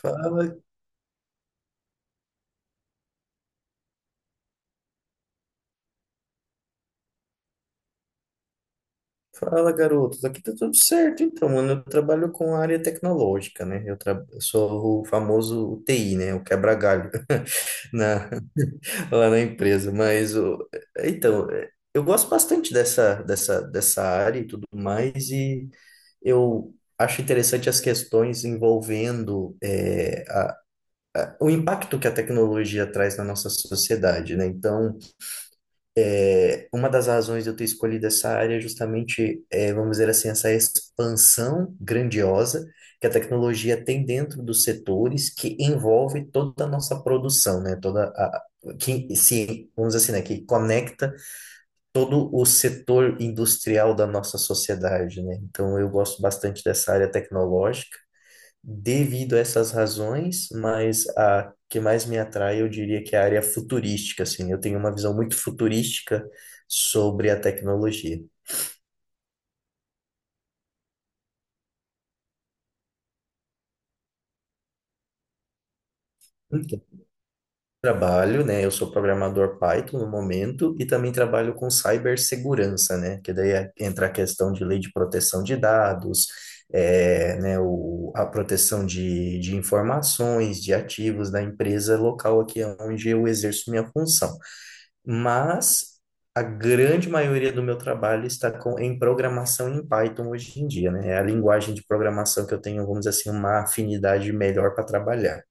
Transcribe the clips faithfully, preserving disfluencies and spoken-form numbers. Fala, fala, garotos. Aqui tá tudo certo, então, mano. Eu trabalho com a área tecnológica, né? Eu, tra... eu sou o famoso T I, né? O quebra-galho na... lá na empresa. Mas, o... então, é, eu gosto bastante dessa, dessa, dessa área e tudo mais, e eu acho interessante as questões envolvendo é, a- a- o impacto que a tecnologia traz na nossa sociedade, né? Então, É, uma das razões de eu ter escolhido essa área é justamente, é, vamos dizer assim, essa expansão grandiosa que a tecnologia tem dentro dos setores que envolve toda a nossa produção, né? Toda a, que se, vamos dizer assim, né? Que conecta todo o setor industrial da nossa sociedade, né? Então, eu gosto bastante dessa área tecnológica devido a essas razões, mas a que mais me atrai, eu diria que é a área futurística, assim. Eu tenho uma visão muito futurística sobre a tecnologia. Então, trabalho, né? Eu sou programador Python no momento e também trabalho com cibersegurança, né? Que daí é- entra a questão de lei de proteção de dados, é, né? O, a proteção de, de informações, de ativos da empresa local aqui onde eu exerço minha função, mas a grande maioria do meu trabalho está com, em programação em Python hoje em dia, né? É a linguagem de programação que eu tenho, vamos dizer assim, uma afinidade melhor para trabalhar.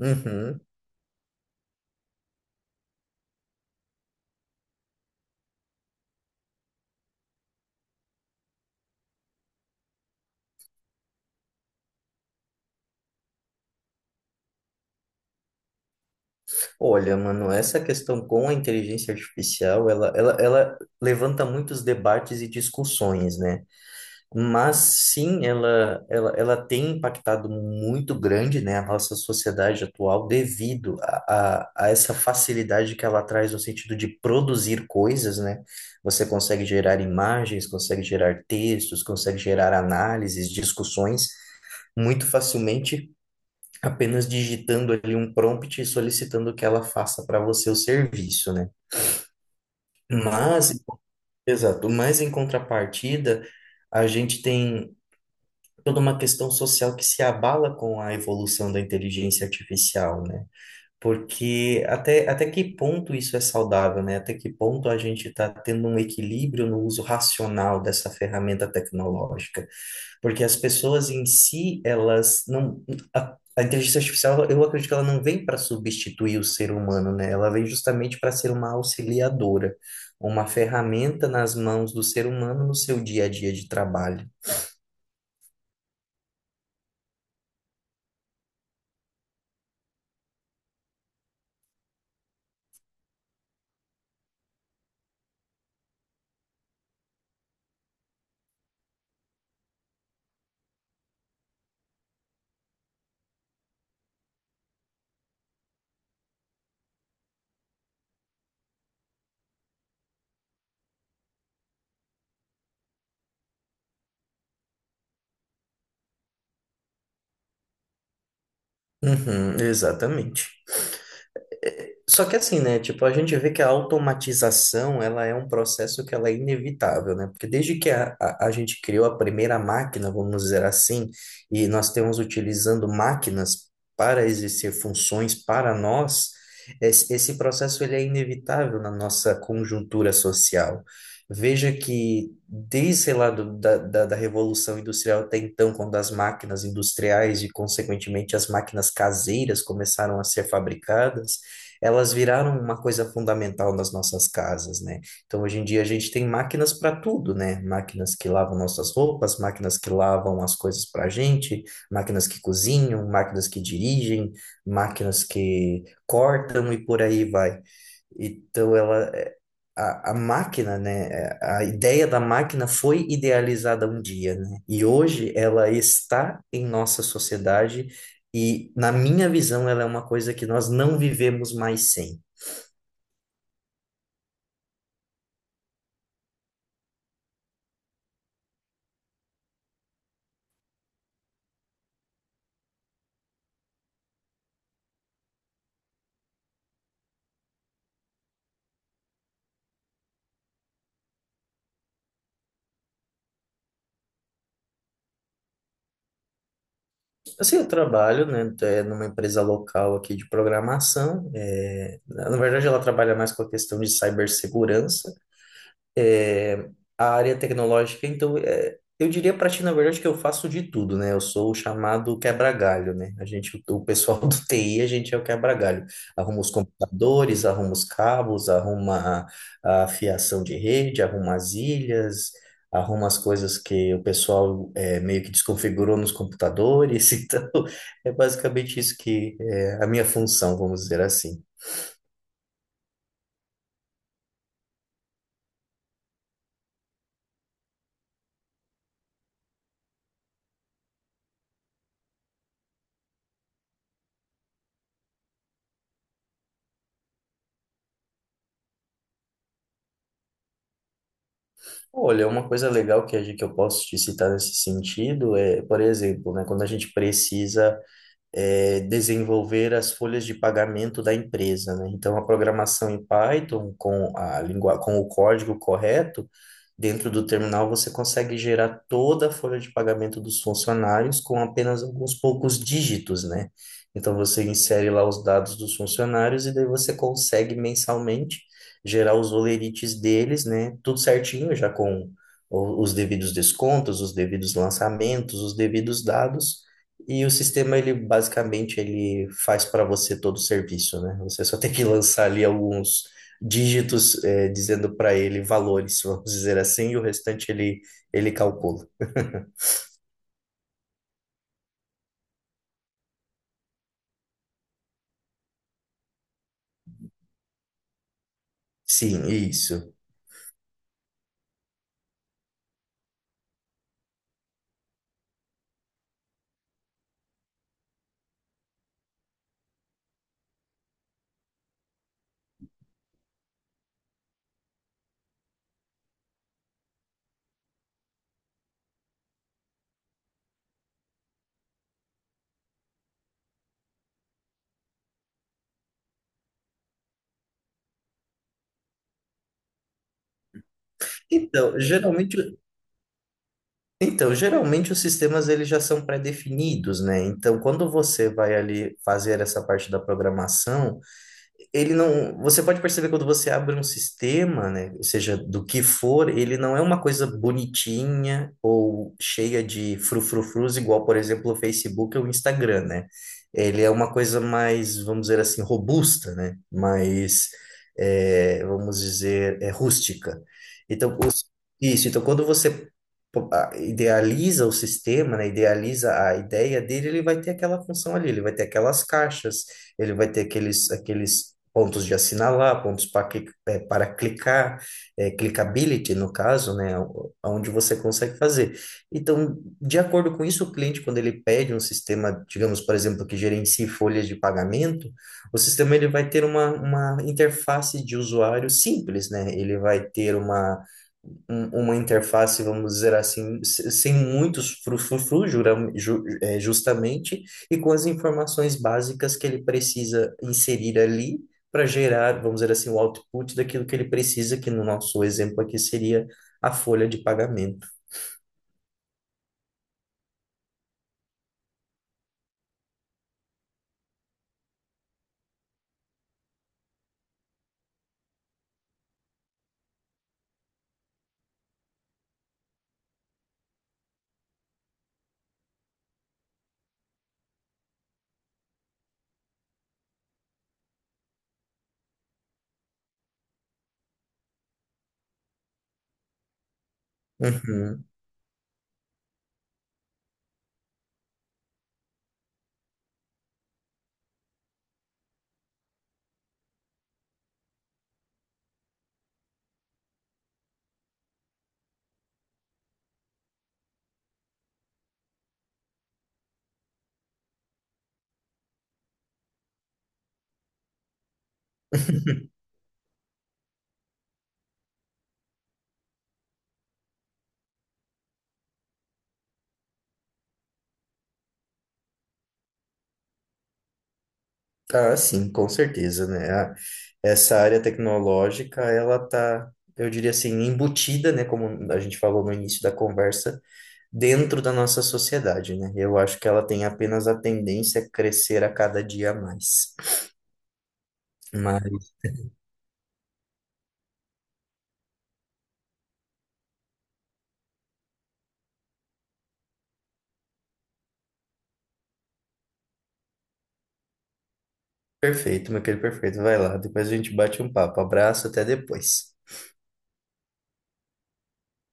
Uhum. Olha, mano, essa questão com a inteligência artificial, ela, ela, ela levanta muitos debates e discussões, né? Mas sim, ela, ela, ela tem impactado muito grande, né, a nossa sociedade atual devido a, a, a essa facilidade que ela traz no sentido de produzir coisas, né? Você consegue gerar imagens, consegue gerar textos, consegue gerar análises, discussões muito facilmente, apenas digitando ali um prompt e solicitando que ela faça para você o serviço, né? Mas, exato, mas em contrapartida, a gente tem toda uma questão social que se abala com a evolução da inteligência artificial, né? Porque até, até que ponto isso é saudável, né? Até que ponto a gente está tendo um equilíbrio no uso racional dessa ferramenta tecnológica? Porque as pessoas em si, elas não. A, a inteligência artificial, eu acredito que ela não vem para substituir o ser humano, né? Ela vem justamente para ser uma auxiliadora, uma ferramenta nas mãos do ser humano no seu dia a dia de trabalho. Uhum, exatamente. Só que assim, né? Tipo, a gente vê que a automatização, ela é um processo que ela é inevitável, né? Porque desde que a, a, a gente criou a primeira máquina, vamos dizer assim, e nós temos utilizando máquinas para exercer funções para nós, esse, esse processo ele é inevitável na nossa conjuntura social. Veja que desde, sei lá, do, da, da, da Revolução Industrial até então, quando as máquinas industriais e, consequentemente, as máquinas caseiras começaram a ser fabricadas, elas viraram uma coisa fundamental nas nossas casas, né? Então, hoje em dia, a gente tem máquinas para tudo, né? Máquinas que lavam nossas roupas, máquinas que lavam as coisas para a gente, máquinas que cozinham, máquinas que dirigem, máquinas que cortam e por aí vai. Então, ela, é, a, a máquina, né? é, A ideia da máquina foi idealizada um dia, né? E hoje ela está em nossa sociedade. E, na minha visão, ela é uma coisa que nós não vivemos mais sem. Assim, eu trabalho, né, é, numa empresa local aqui de programação. é, na na verdade, ela trabalha mais com a questão de cibersegurança é, a área tecnológica, então, é, eu diria para ti, na verdade, que eu faço de tudo, né? Eu sou o chamado quebra-galho, né? A gente, o pessoal do T I, a gente é o quebra-galho. Arruma os computadores, arruma os cabos, arruma a, a fiação de rede, arruma as ilhas, arruma as coisas que o pessoal é, meio que desconfigurou nos computadores. Então, é basicamente isso que é a minha função, vamos dizer assim. Olha, uma coisa legal que, a gente- que eu posso te citar nesse sentido é, por exemplo, né, quando a gente precisa é, desenvolver as folhas de pagamento da empresa, né? Então, a programação em Python com a língua, com o código correto, dentro do terminal você consegue gerar toda a folha de pagamento dos funcionários com apenas alguns poucos dígitos, né? Então, você insere lá os dados dos funcionários e daí você consegue mensalmente gerar os olerites deles, né? Tudo certinho, já com o- os devidos descontos, os devidos lançamentos, os devidos dados e o sistema, ele basicamente ele faz para você todo o serviço, né? Você só tem que lançar ali alguns dígitos, eh, dizendo para ele valores, vamos dizer assim, e o restante ele, ele calcula. Sim, isso. Então, geralmente, então, geralmente os sistemas eles já são pré-definidos, né? Então, quando você vai ali fazer essa parte da programação, ele não, você pode perceber quando você abre um sistema, né, ou seja, do que for, ele não é uma coisa bonitinha ou cheia de frufrufrus, igual, por exemplo, o Facebook ou o Instagram, né? Ele é uma coisa mais, vamos dizer assim, robusta, né? Mais, é, vamos dizer, é rústica. Então, os- isso. Então, quando você po- a- idealiza o sistema, né, idealiza a ideia dele, ele vai ter aquela função ali, ele vai ter aquelas caixas, ele vai ter aqueles, aqueles pontos de assinalar, pontos para, cli- é, para clicar, é, clickability no caso, né, o- onde você consegue fazer. Então, de acordo com isso, o cliente, quando ele pede um sistema, digamos, por exemplo, que gerencie folhas de pagamento, o sistema ele vai ter uma, uma interface de usuário simples, né? Ele vai ter uma um- uma interface, vamos dizer assim, se- sem muitos frufru, justamente e com as informações básicas que ele precisa inserir ali para gerar, vamos dizer assim, o output daquilo que ele precisa, que no nosso exemplo aqui seria a folha de pagamento. Uhum. Ah, sim, com certeza, né? A- essa área tecnológica, ela tá, eu diria assim, embutida, né, como a gente falou no início da conversa, dentro da nossa sociedade, né? Eu acho que ela tem apenas a tendência a crescer a cada dia a mais. Mas perfeito, meu querido, perfeito. Vai lá, depois a gente bate um papo. Abraço, até depois.